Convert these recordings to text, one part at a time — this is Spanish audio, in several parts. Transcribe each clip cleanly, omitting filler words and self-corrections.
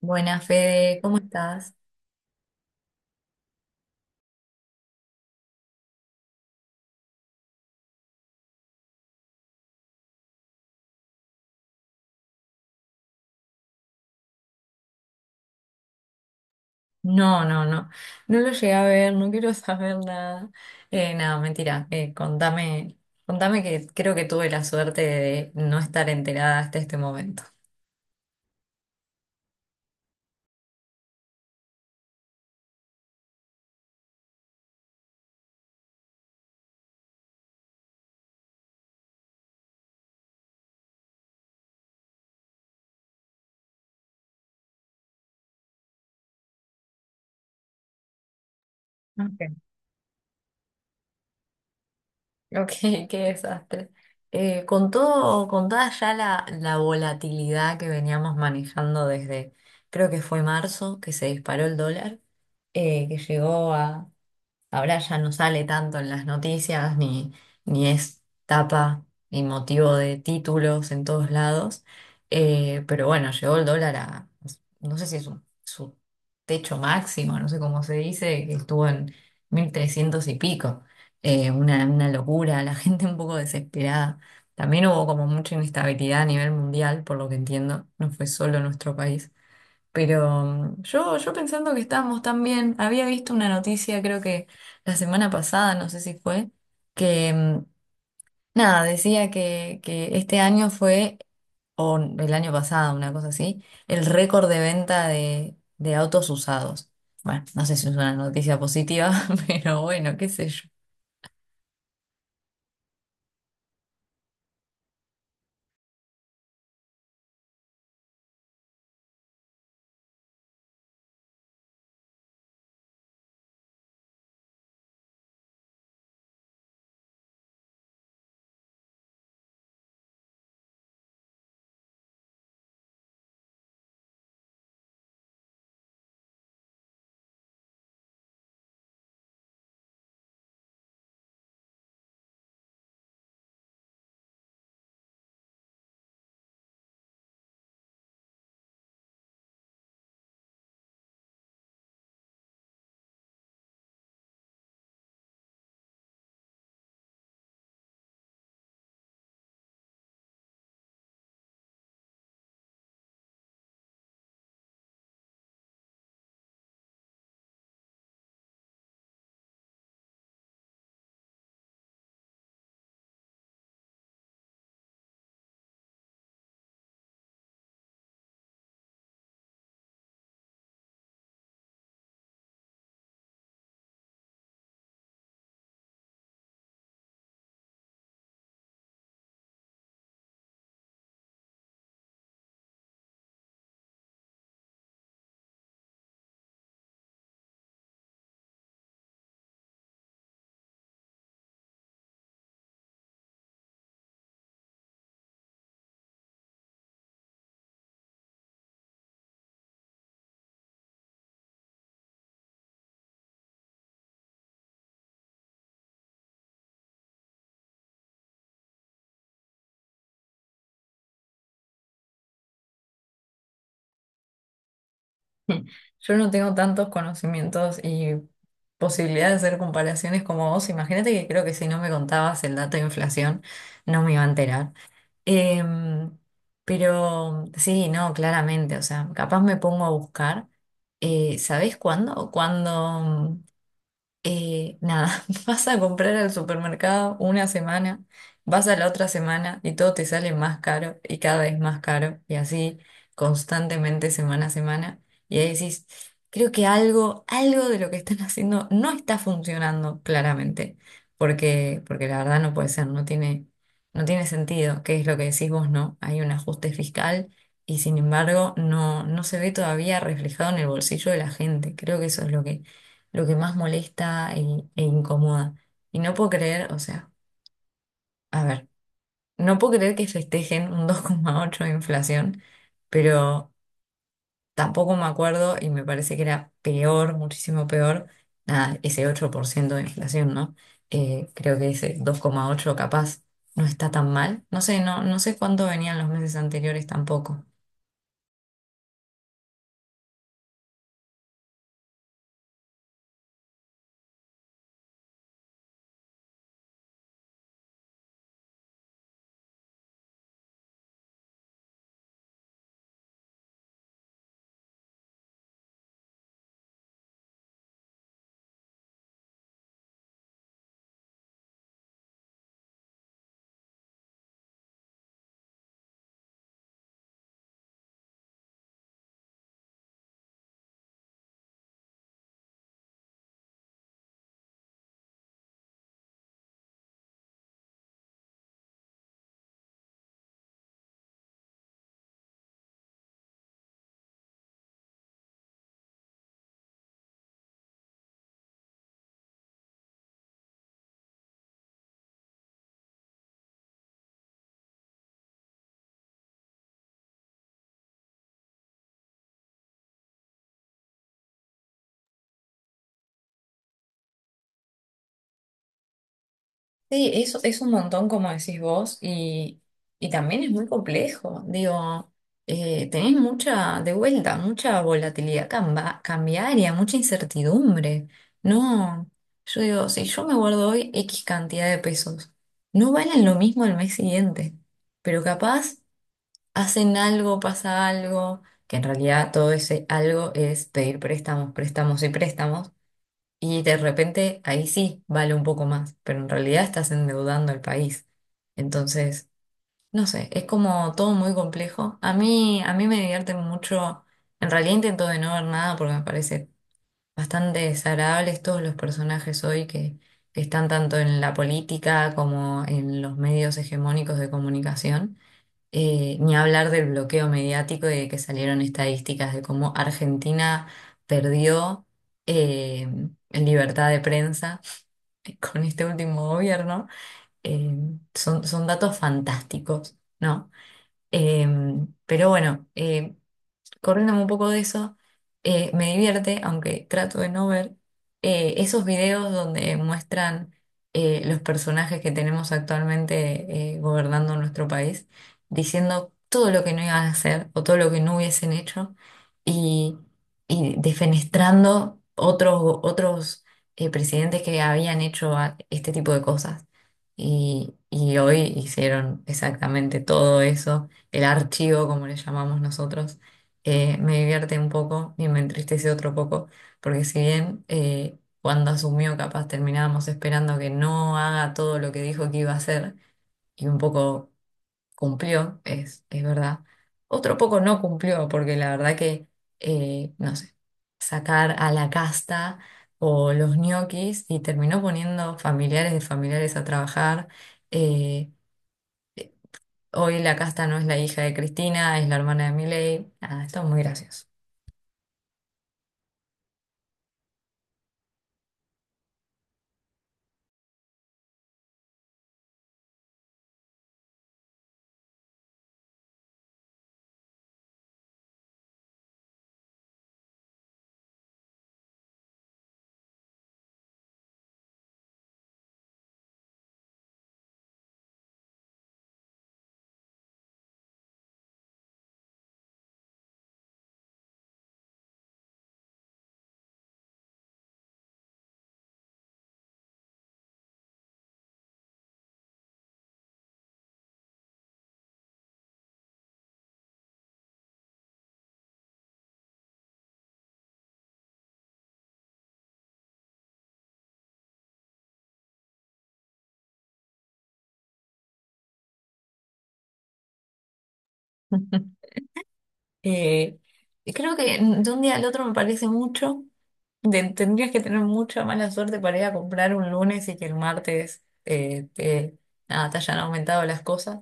Buenas, Fede, ¿cómo estás? No, no, no, no, lo llegué a ver, no quiero saber nada. Nada, mentira, contame, contame que creo que tuve la suerte de no estar enterada hasta este momento. Ok. Ok, qué desastre. Con todo, con toda ya la volatilidad que veníamos manejando desde, creo que fue marzo, que se disparó el dólar, que llegó a... Ahora ya no sale tanto en las noticias, ni es tapa, ni motivo de títulos en todos lados. Pero bueno, llegó el dólar a, no sé si es su techo máximo, no sé cómo se dice, que estuvo en 1300 y pico. Una locura, la gente un poco desesperada. También hubo como mucha inestabilidad a nivel mundial, por lo que entiendo, no fue solo nuestro país. Pero yo pensando que estábamos tan bien, había visto una noticia, creo que la semana pasada, no sé si fue, que nada, decía que este año fue, o el año pasado, una cosa así, el récord de venta de autos usados. Bueno, no sé si es una noticia positiva, pero bueno, qué sé yo. Yo no tengo tantos conocimientos y posibilidad de hacer comparaciones como vos. Imagínate que creo que si no me contabas el dato de inflación, no me iba a enterar. Em, pero sí, no, claramente, o sea, capaz me pongo a buscar. ¿Sabés cuándo? Cuando, nada, vas a comprar al supermercado una semana, vas a la otra semana y todo te sale más caro y cada vez más caro y así constantemente semana a semana. Y ahí decís, creo que algo, algo de lo que están haciendo no está funcionando claramente, porque la verdad no puede ser, no tiene sentido, que es lo que decís vos, ¿no? Hay un ajuste fiscal. Y sin embargo, no se ve todavía reflejado en el bolsillo de la gente. Creo que eso es lo que más molesta e incomoda. Y no puedo creer, o sea, a ver, no puedo creer que festejen un 2,8 de inflación, pero tampoco me acuerdo y me parece que era peor, muchísimo peor, nada, ese 8% de inflación, ¿no? Creo que ese 2,8 capaz no está tan mal. No sé, no sé cuánto venían los meses anteriores tampoco. Sí, eso es un montón, como decís vos, y también es muy complejo. Digo, tenés mucha, de vuelta, mucha volatilidad cambiaria, mucha incertidumbre. No, yo digo, si yo me guardo hoy X cantidad de pesos, no valen lo mismo al mes siguiente, pero capaz hacen algo, pasa algo, que en realidad todo ese algo es pedir préstamos, préstamos y préstamos. Y de repente ahí sí vale un poco más, pero en realidad estás endeudando al país. Entonces, no sé, es como todo muy complejo. A mí me divierte mucho. En realidad intento de no ver nada porque me parece bastante desagradables todos los personajes hoy que están tanto en la política como en los medios hegemónicos de comunicación. Ni hablar del bloqueo mediático y de que salieron estadísticas de cómo Argentina perdió eh, en libertad de prensa con este último gobierno. Eh, son, son datos fantásticos, ¿no? Eh, pero bueno, corriéndome un poco de eso, me divierte, aunque trato de no ver, esos videos donde muestran los personajes que tenemos actualmente gobernando nuestro país, diciendo todo lo que no iban a hacer o todo lo que no hubiesen hecho y, y defenestrando otros, otros presidentes que habían hecho este tipo de cosas. Y hoy hicieron exactamente todo eso, el archivo, como le llamamos nosotros me divierte un poco y me entristece otro poco, porque si bien cuando asumió capaz terminábamos esperando que no haga todo lo que dijo que iba a hacer y un poco cumplió, es verdad, otro poco no cumplió, porque la verdad que, no sé, sacar a la casta o los ñoquis y terminó poniendo familiares de familiares a trabajar. eh, Hoy la casta no es la hija de Cristina, es la hermana de Milei. Ah, esto es muy gracioso. Eh, y creo que de un día al otro me parece mucho. Tendrías que tener mucha mala suerte para ir a comprar un lunes y que el martes nada, te hayan aumentado las cosas.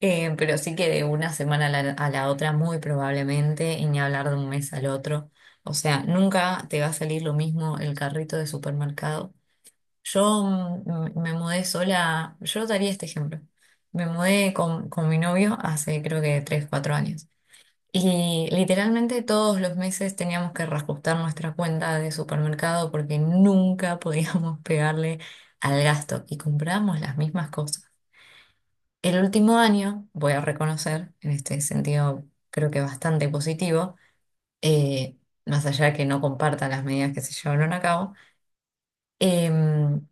Pero sí que de una semana a a la otra, muy probablemente, y ni hablar de un mes al otro. O sea, nunca te va a salir lo mismo el carrito de supermercado. Yo me mudé sola, yo daría este ejemplo. Me mudé con mi novio hace creo que 3 4 años. Y literalmente todos los meses teníamos que reajustar nuestra cuenta de supermercado porque nunca podíamos pegarle al gasto y comprábamos las mismas cosas. El último año, voy a reconocer, en este sentido creo que bastante positivo, eh, más allá de que no compartan las medidas que se llevaron a cabo, em,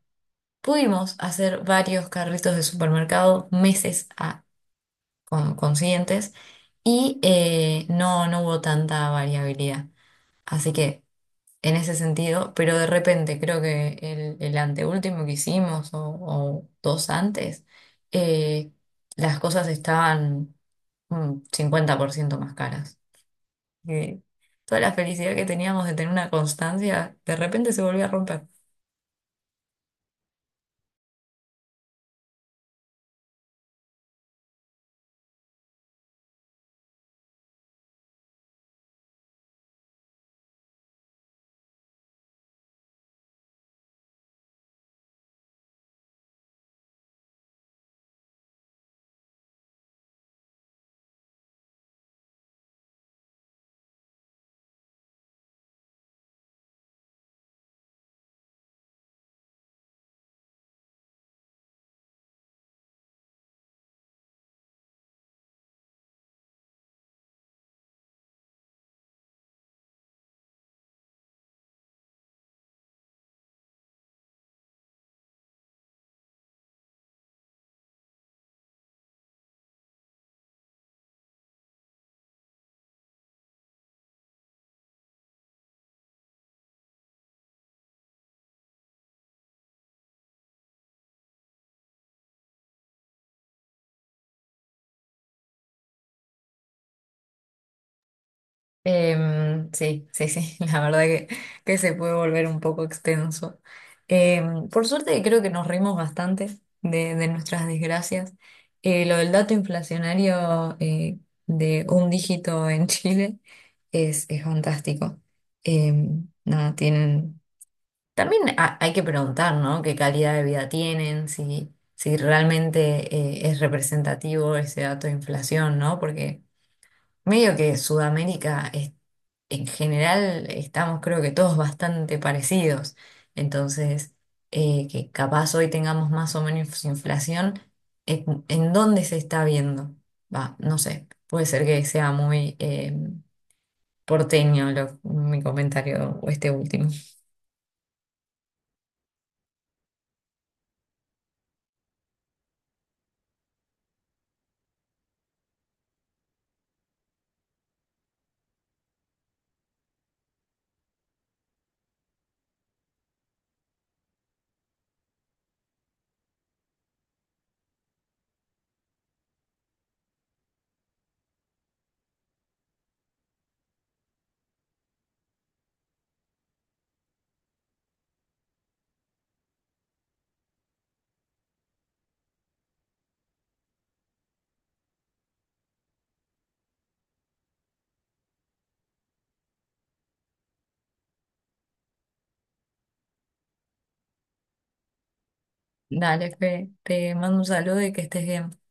pudimos hacer varios carritos de supermercado consiguientes y no hubo tanta variabilidad. Así que... en ese sentido, pero de repente creo que el anteúltimo que hicimos o dos antes, eh, las cosas estaban un 50% más caras. Y toda la felicidad que teníamos de tener una constancia, de repente se volvió a romper. Sí, sí, sí, la verdad que se puede volver un poco extenso. Em, por suerte creo que nos reímos bastante de nuestras desgracias. Lo del dato inflacionario de un dígito en Chile es fantástico. Em, nada, tienen... También hay que preguntar, ¿no? ¿Qué calidad de vida tienen? Si, si realmente es representativo ese dato de inflación, ¿no? Porque... Medio que Sudamérica es... en general estamos creo que todos bastante parecidos. Entonces, que capaz hoy tengamos más o menos inflación, en dónde se está viendo? Va, no sé, puede ser que sea muy porteño mi comentario o este último. Dale, Fe, te mando un saludo y que estés bien.